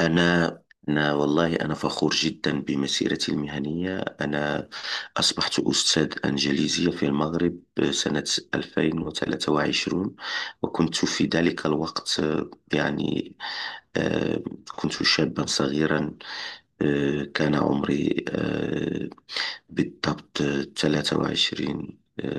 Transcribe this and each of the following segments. أنا أنا والله أنا فخور جدا بمسيرتي المهنية. أنا أصبحت أستاذ إنجليزية في المغرب سنة 2023. وكنت في ذلك الوقت يعني آه، كنت شابا صغيرا. كان عمري بالضبط 23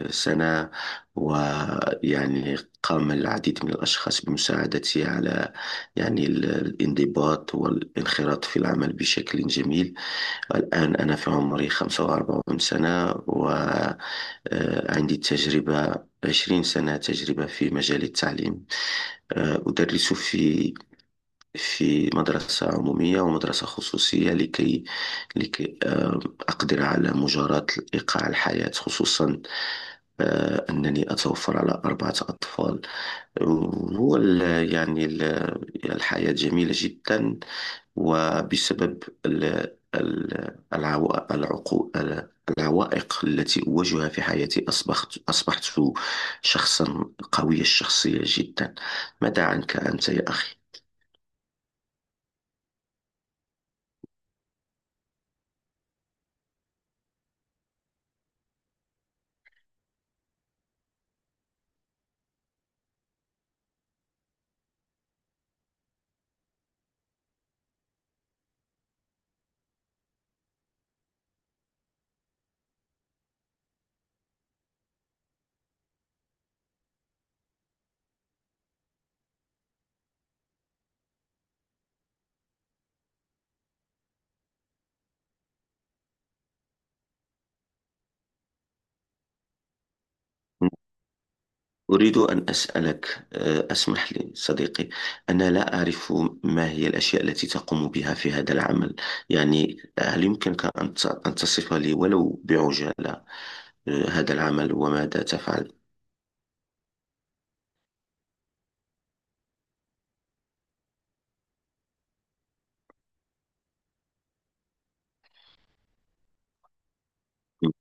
سنة. ويعني قام العديد من الأشخاص بمساعدتي على يعني الانضباط والانخراط في العمل بشكل جميل. الآن أنا في عمري 45 سنة، وعندي تجربة 20 سنة تجربة في مجال التعليم. أدرس في مدرسة عمومية ومدرسة خصوصية، لكي لكي آه، أقدر على مجاراة إيقاع الحياة، خصوصا أنني أتوفر على أربعة أطفال. هو ال- يعني ال- الحياة جميلة جدا. وبسبب العوائق التي أواجهها في حياتي، أصبحت شخصا قوي الشخصية جدا. ماذا عنك أنت يا أخي؟ أريد أن أسألك، اسمح لي صديقي، أنا لا أعرف ما هي الأشياء التي تقوم بها في هذا العمل. يعني هل يمكنك أن تصف لي ولو بعجالة هذا العمل وماذا تفعل. م-.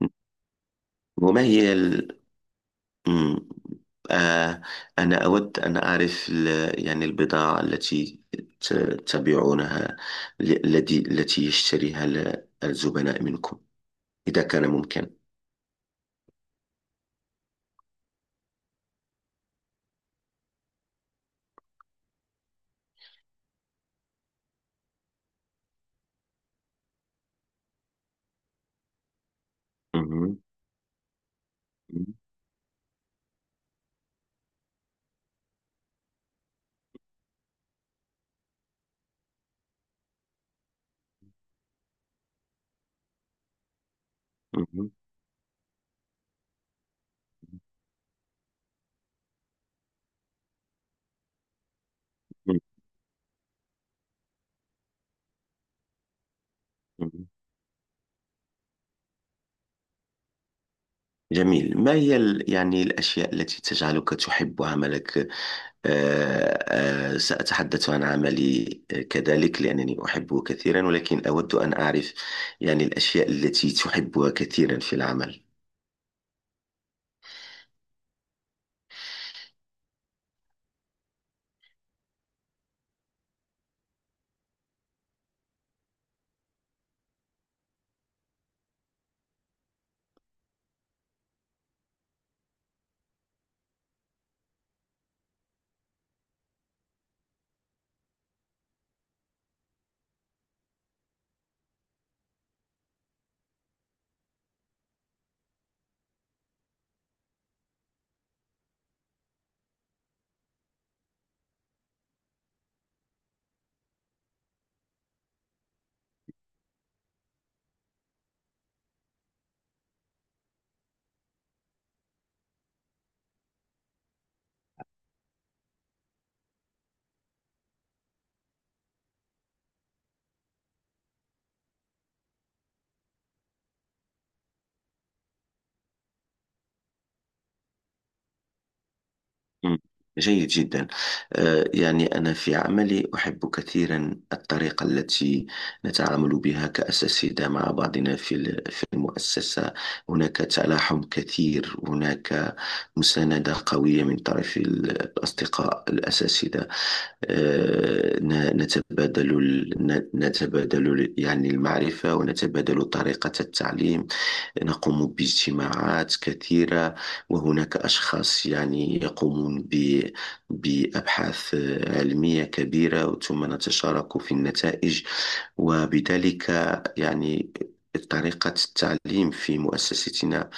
م-. وما هي ال... م-. آه، أنا أود أن أعرف يعني البضاعة التي ت- تبيعونها التي يشتريها الزبناء منكم، إذا كان ممكن. مهم. مهم. مم. جميل. ما هي يعني الأشياء التي تجعلك تحب عملك؟ سأتحدث عن عملي كذلك لأنني أحبه كثيرا، ولكن أود أن أعرف يعني الأشياء التي تحبها كثيرا في العمل. مم. جيد جدا. يعني أنا في عملي أحب كثيرا الطريقة التي نتعامل بها كأساتذة مع بعضنا في المؤسسة. هناك تلاحم كثير، هناك مساندة قوية من طرف الأصدقاء الأساتذة. نتبادل المعرفة، ونتبادل طريقة التعليم. نقوم باجتماعات كثيرة، وهناك أشخاص يعني يقومون بأبحاث علمية كبيرة، ثم نتشارك في النتائج. وبذلك يعني طريقة التعليم في مؤسستنا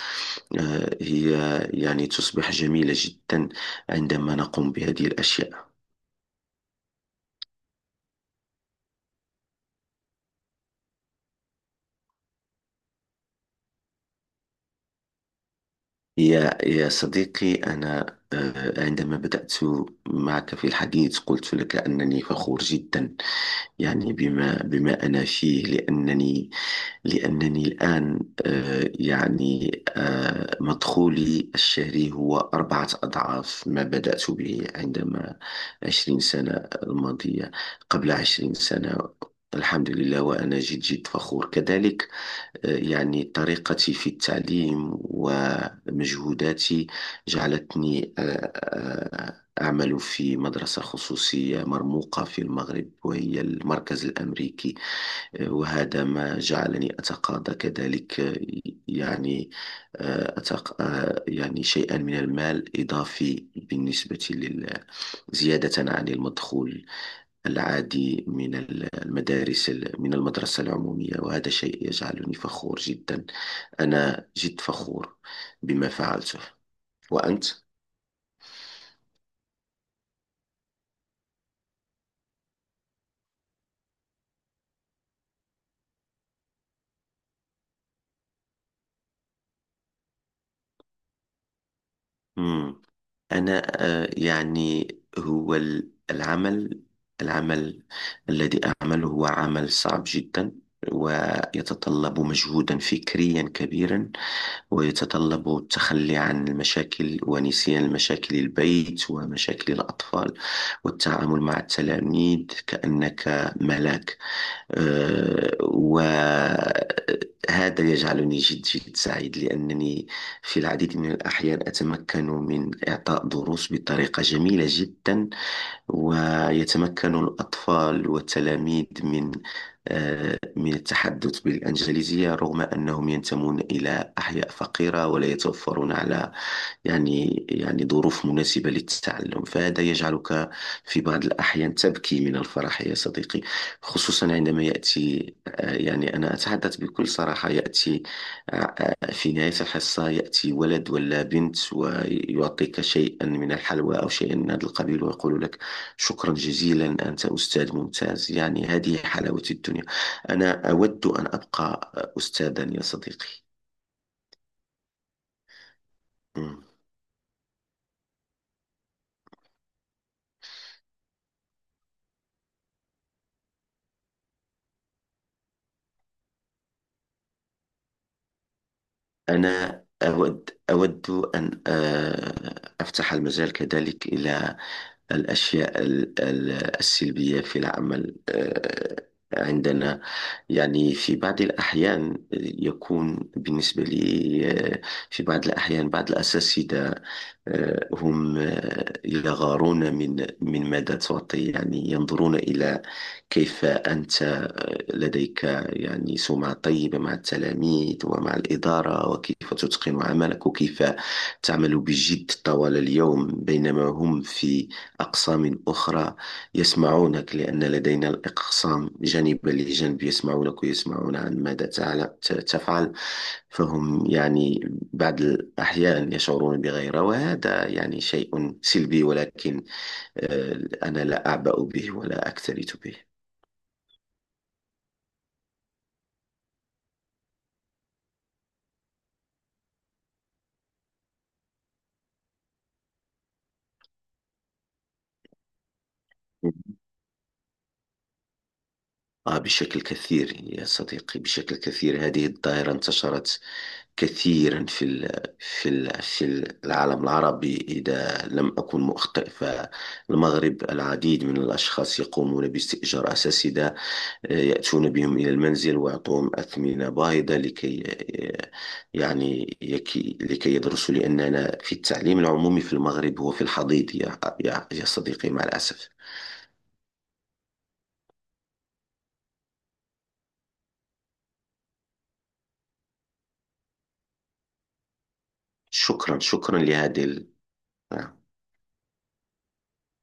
هي يعني تصبح جميلة جدا عندما نقوم بهذه الأشياء. يا صديقي، أنا عندما بدأت معك في الحديث قلت لك أنني فخور جدا يعني بما أنا فيه. لأنني الآن آه، يعني مدخولي الشهري هو أربعة أضعاف ما بدأت به، عندما، 20 سنة الماضية، قبل 20 سنة. الحمد لله، وأنا جد جد فخور كذلك. يعني طريقتي في التعليم ومجهوداتي جعلتني أعمل في مدرسة خصوصية مرموقة في المغرب، وهي المركز الأمريكي. وهذا ما جعلني أتقاضى كذلك آه، يعني آه، أتق... آه، يعني شيئا من المال إضافي بالنسبة زيادة عن المدخول العادي من المدارس، من المدرسة العمومية. وهذا شيء يجعلني فخور جدا، أنا جد فخور بما فعلته. وأنت؟ مم. أنا يعني هو ال- العمل العمل الذي أعمله هو عمل صعب جدا، ويتطلب مجهودا فكريا كبيرا، ويتطلب التخلي عن المشاكل ونسيان المشاكل البيت ومشاكل الأطفال، والتعامل مع التلاميذ كأنك ملاك. وهذا يجعلني جد جد سعيد، لأنني في العديد من الأحيان أتمكن من إعطاء دروس بطريقة جميلة جدا. ويتمكن الأطفال والتلاميذ من من التحدث بالإنجليزية، رغم أنهم ينتمون إلى أحياء فقيرة ولا يتوفرون على يعني ظروف مناسبة للتعلم. فهذا يجعلك في بعض الأحيان تبكي من الفرح يا صديقي. خصوصا عندما يأتي يعني، أنا أتحدث بكل صراحة، يأتي في نهاية الحصة يأتي ولد ولا بنت ويعطيك شيئا من الحلوى أو شيئا من هذا القبيل، ويقول لك شكرا جزيلا، أنت أستاذ ممتاز. يعني هذه حلاوة الدنيا. أنا أود أن أبقى أستاذا يا صديقي. مم. أنا أود أن أفتح المجال كذلك إلى الأشياء السلبية في العمل عندنا. يعني في بعض الأحيان يكون بالنسبة لي آه، في بعض الأحيان بعض الأساتذة هم يغارون من ماذا تعطي. يعني ينظرون إلى كيف أنت لديك يعني سمعة طيبة مع التلاميذ ومع الإدارة، وكيف تتقن عملك، وكيف تعمل بجد طوال اليوم، بينما هم في أقسام أخرى يسمعونك، لأن لدينا الأقسام جانبا لجانب، يسمعونك ويسمعون عن ماذا تفعل. فهم يعني بعض الأحيان يشعرون بغيرة، وهذا يعني شيء سلبي، ولكن أنا لا أعبأ به ولا أكترث به. بشكل كثير يا صديقي، بشكل كثير. هذه الظاهرة انتشرت كثيرا في العالم العربي. إذا لم أكن مخطئ فالمغرب، العديد من الأشخاص يقومون باستئجار أساسدة يأتون بهم إلى المنزل، ويعطوهم أثمنة باهظة لكي آه، يعني يكي لكي يدرسوا. لأننا في التعليم العمومي في المغرب هو في الحضيض، يا صديقي، مع الأسف. شكرا شكرا لهذه نعم.